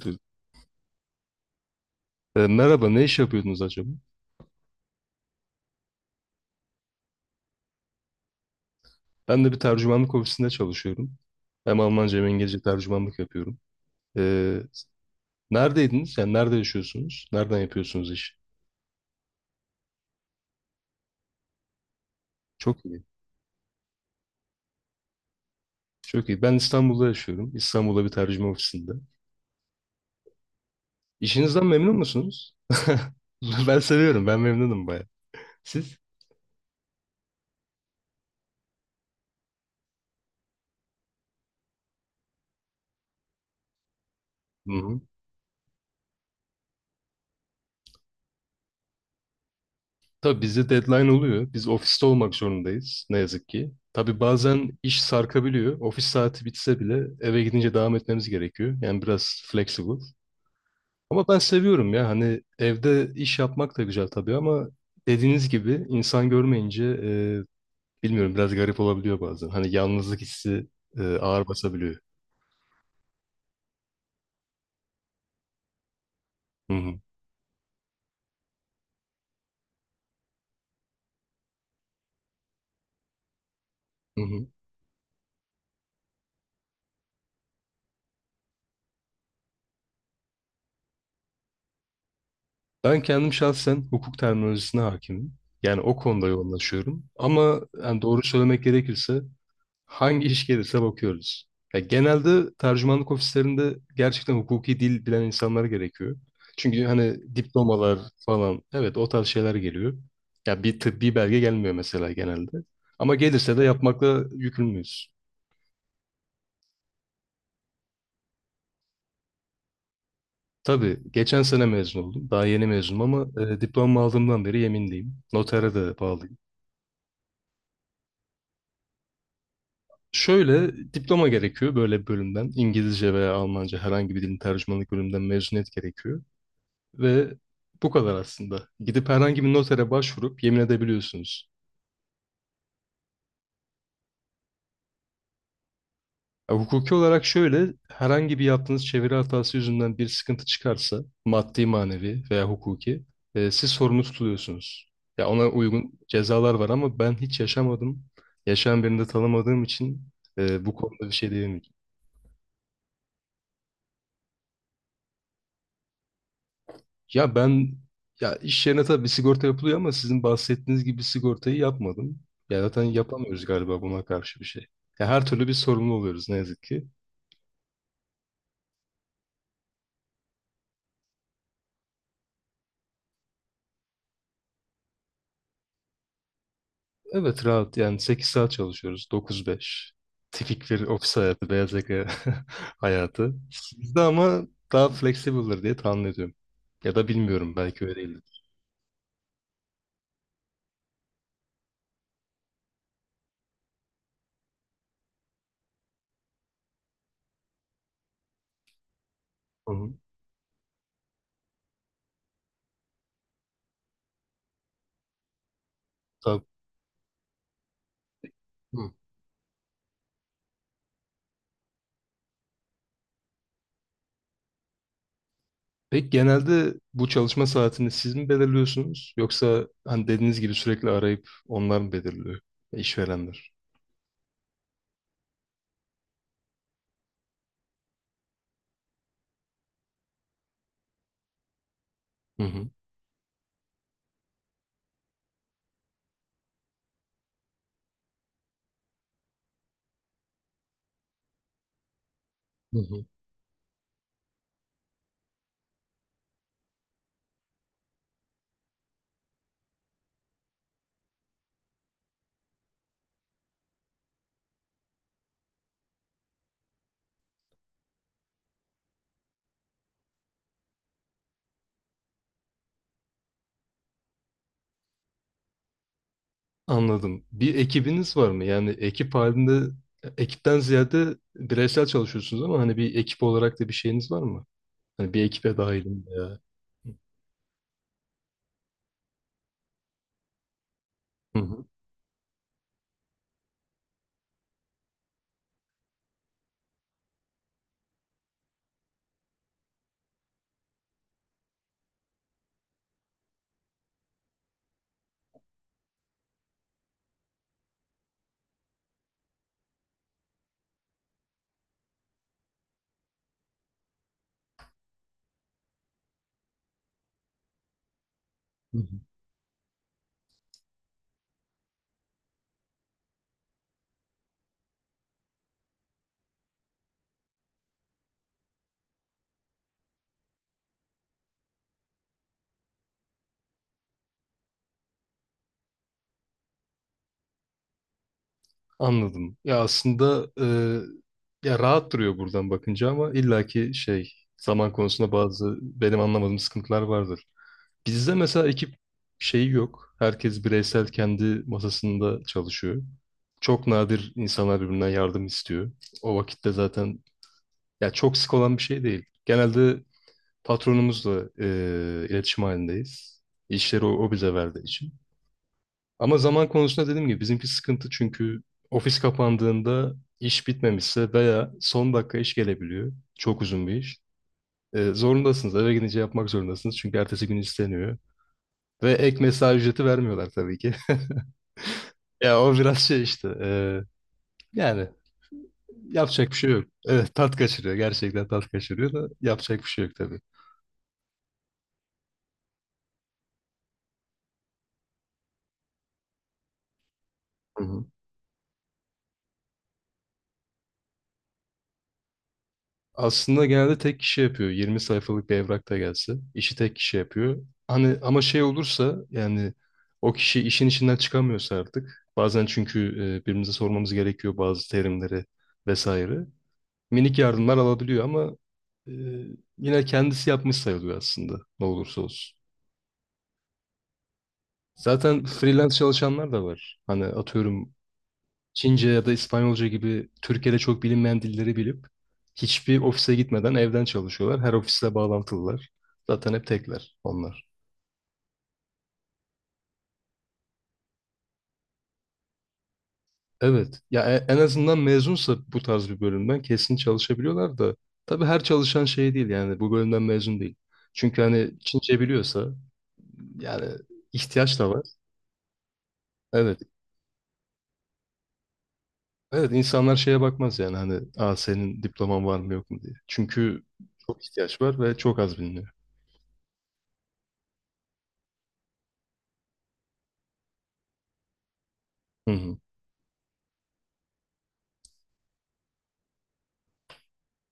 E, merhaba, ne iş yapıyordunuz acaba? Ben de bir tercümanlık ofisinde çalışıyorum. Hem Almanca hem İngilizce tercümanlık yapıyorum. E, neredeydiniz? Yani nerede yaşıyorsunuz? Nereden yapıyorsunuz işi? Çok iyi. Çok iyi. Ben İstanbul'da yaşıyorum. İstanbul'da bir tercüme ofisinde. İşinizden memnun musunuz? Ben seviyorum. Ben memnunum baya. Siz? Hı hı. Tabii bizde deadline oluyor. Biz ofiste olmak zorundayız. Ne yazık ki. Tabii bazen iş sarkabiliyor. Ofis saati bitse bile eve gidince devam etmemiz gerekiyor. Yani biraz flexible. Ama ben seviyorum ya, hani evde iş yapmak da güzel tabii ama dediğiniz gibi insan görmeyince bilmiyorum, biraz garip olabiliyor bazen. Hani yalnızlık hissi ağır basabiliyor. Hı hı, hı hı. Ben kendim şahsen hukuk terminolojisine hakimim. Yani o konuda yoğunlaşıyorum. Ama yani doğru söylemek gerekirse hangi iş gelirse bakıyoruz. Ya genelde tercümanlık ofislerinde gerçekten hukuki dil bilen insanlar gerekiyor. Çünkü hani diplomalar falan, evet, o tarz şeyler geliyor. Ya bir tıbbi belge gelmiyor mesela genelde. Ama gelirse de yapmakla yükümlüyüz. Tabii geçen sene mezun oldum. Daha yeni mezunum ama diplomamı aldığımdan beri yeminliyim. Notere de bağlıyım. Şöyle, diploma gerekiyor böyle bir bölümden. İngilizce veya Almanca, herhangi bir dilin tercümanlık bölümünden mezuniyet gerekiyor. Ve bu kadar aslında. Gidip herhangi bir notere başvurup yemin edebiliyorsunuz. Ya, hukuki olarak şöyle, herhangi bir yaptığınız çeviri hatası yüzünden bir sıkıntı çıkarsa, maddi, manevi veya hukuki, siz sorumlu tutuluyorsunuz. Ya ona uygun cezalar var ama ben hiç yaşamadım. Yaşayan birini de tanımadığım için bu konuda bir şey diyemeyeceğim. Ya ben, ya iş yerine tabii bir sigorta yapılıyor ama sizin bahsettiğiniz gibi bir sigortayı yapmadım. Ya zaten yapamıyoruz galiba buna karşı bir şey. Ya her türlü bir sorumlu oluyoruz, ne yazık ki. Evet rahat, yani 8 saat çalışıyoruz, 9-5. Tipik bir ofis hayatı, beyaz yaka hayatı. Sizde ama daha flexible'dır diye tahmin ediyorum. Ya da bilmiyorum, belki öyle değildir. Hı hı. Tabii. Hı. Peki, genelde bu çalışma saatini siz mi belirliyorsunuz yoksa hani dediğiniz gibi sürekli arayıp onlar mı belirliyor, işverenler? Hı hı. Hı hı. Anladım. Bir ekibiniz var mı? Yani ekip halinde, ekipten ziyade bireysel çalışıyorsunuz ama hani bir ekip olarak da bir şeyiniz var mı? Hani bir ekibe dahilim ya. Hı hı. Hı hı. Anladım. Ya aslında, ya rahat duruyor buradan bakınca ama illaki şey, zaman konusunda bazı benim anlamadığım sıkıntılar vardır. Bizde mesela ekip şeyi yok. Herkes bireysel kendi masasında çalışıyor. Çok nadir insanlar birbirinden yardım istiyor. O vakitte zaten ya çok sık olan bir şey değil. Genelde patronumuzla iletişim halindeyiz. İşleri o bize verdiği için. Ama zaman konusunda dediğim gibi bizimki sıkıntı çünkü ofis kapandığında iş bitmemişse veya son dakika iş gelebiliyor. Çok uzun bir iş. Zorundasınız. Eve gidince yapmak zorundasınız. Çünkü ertesi gün isteniyor. Ve ek mesai ücreti vermiyorlar, tabii ki. Ya o biraz şey işte. Yani yapacak bir şey yok. Evet, tat kaçırıyor. Gerçekten tat kaçırıyor da yapacak bir şey yok tabii. Hı hı. Aslında genelde tek kişi yapıyor. 20 sayfalık bir evrak da gelse, işi tek kişi yapıyor. Hani ama şey olursa, yani o kişi işin içinden çıkamıyorsa artık. Bazen çünkü birbirimize sormamız gerekiyor bazı terimleri vesaire. Minik yardımlar alabiliyor ama e, yine kendisi yapmış sayılıyor aslında ne olursa olsun. Zaten freelance çalışanlar da var. Hani atıyorum, Çince ya da İspanyolca gibi Türkiye'de çok bilinmeyen dilleri bilip hiçbir ofise gitmeden evden çalışıyorlar. Her ofisle bağlantılılar. Zaten hep tekler onlar. Evet. Ya en azından mezunsa bu tarz bir bölümden kesin çalışabiliyorlar da tabii her çalışan şey değil yani, bu bölümden mezun değil. Çünkü hani Çince biliyorsa, yani ihtiyaç da var. Evet. Evet, insanlar şeye bakmaz yani, hani, aa, senin diploman var mı yok mu diye. Çünkü çok ihtiyaç var ve çok az biliniyor. Hı hı.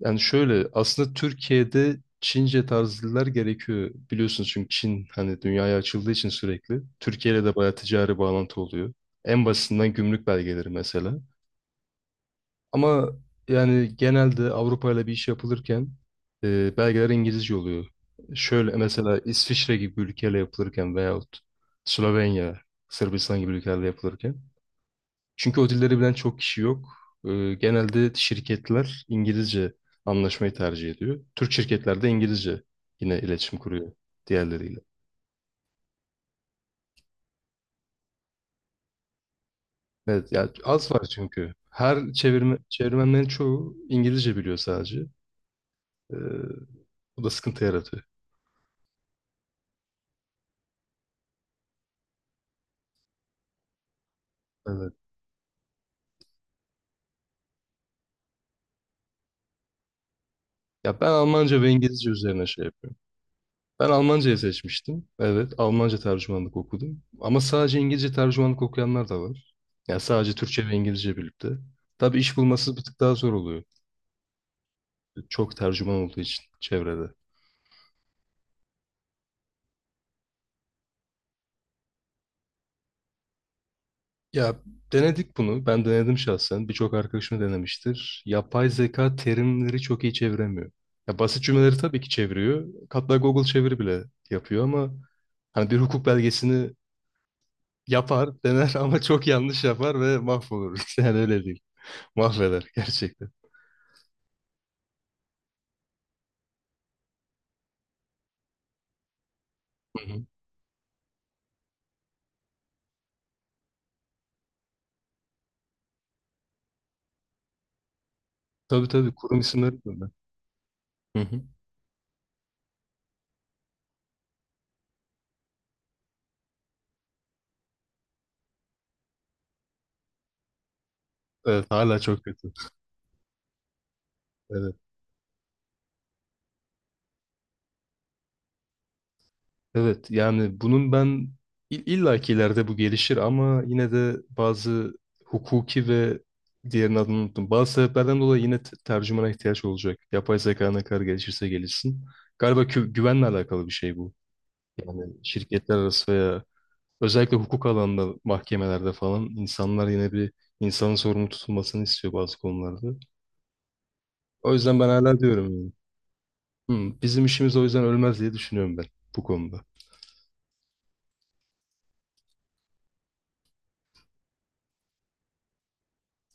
Yani şöyle, aslında Türkiye'de Çince tarzlılar gerekiyor biliyorsunuz çünkü Çin, hani, dünyaya açıldığı için sürekli Türkiye ile de bayağı ticari bağlantı oluyor. En basitinden gümrük belgeleri mesela. Ama yani genelde Avrupa ile bir iş yapılırken belgeler İngilizce oluyor. Şöyle mesela İsviçre gibi bir ülkeyle yapılırken veyahut Slovenya, Sırbistan gibi ülkelerle yapılırken, çünkü o dilleri bilen çok kişi yok. Genelde şirketler İngilizce anlaşmayı tercih ediyor. Türk şirketler de İngilizce yine iletişim kuruyor diğerleriyle. Evet, ya az var çünkü. Her çevirmenlerin çoğu İngilizce biliyor sadece. Ee, bu da sıkıntı yaratıyor. Evet. Ya ben Almanca ve İngilizce üzerine şey yapıyorum. Ben Almancayı seçmiştim. Evet, Almanca tercümanlık okudum. Ama sadece İngilizce tercümanlık okuyanlar da var. Yani sadece Türkçe ve İngilizce birlikte. Tabii iş bulması bir tık daha zor oluyor. Çok tercüman olduğu için çevrede. Ya denedik bunu. Ben denedim şahsen. Birçok arkadaşım denemiştir. Yapay zeka terimleri çok iyi çeviremiyor. Ya basit cümleleri tabii ki çeviriyor. Hatta Google çeviri bile yapıyor ama hani bir hukuk belgesini yapar, dener ama çok yanlış yapar ve mahvolur. Yani öyle değil. Mahveder gerçekten. Hı hı. Tabii tabii, kurum isimleri de. Hı hı. Evet, hala çok kötü. Evet. Evet yani, bunun ben illa ki ileride bu gelişir ama yine de bazı hukuki ve diğerinin adını unuttum. Bazı sebeplerden dolayı yine tercümana ihtiyaç olacak. Yapay zeka ne kadar gelişirse gelişsin. Galiba güvenle alakalı bir şey bu. Şirketler arası veya özellikle hukuk alanında, mahkemelerde falan, insanlar yine bir insanın sorumlu tutulmasını istiyor bazı konularda. O yüzden ben hala diyorum yani. "Bizim işimiz o yüzden ölmez diye düşünüyorum ben bu konuda.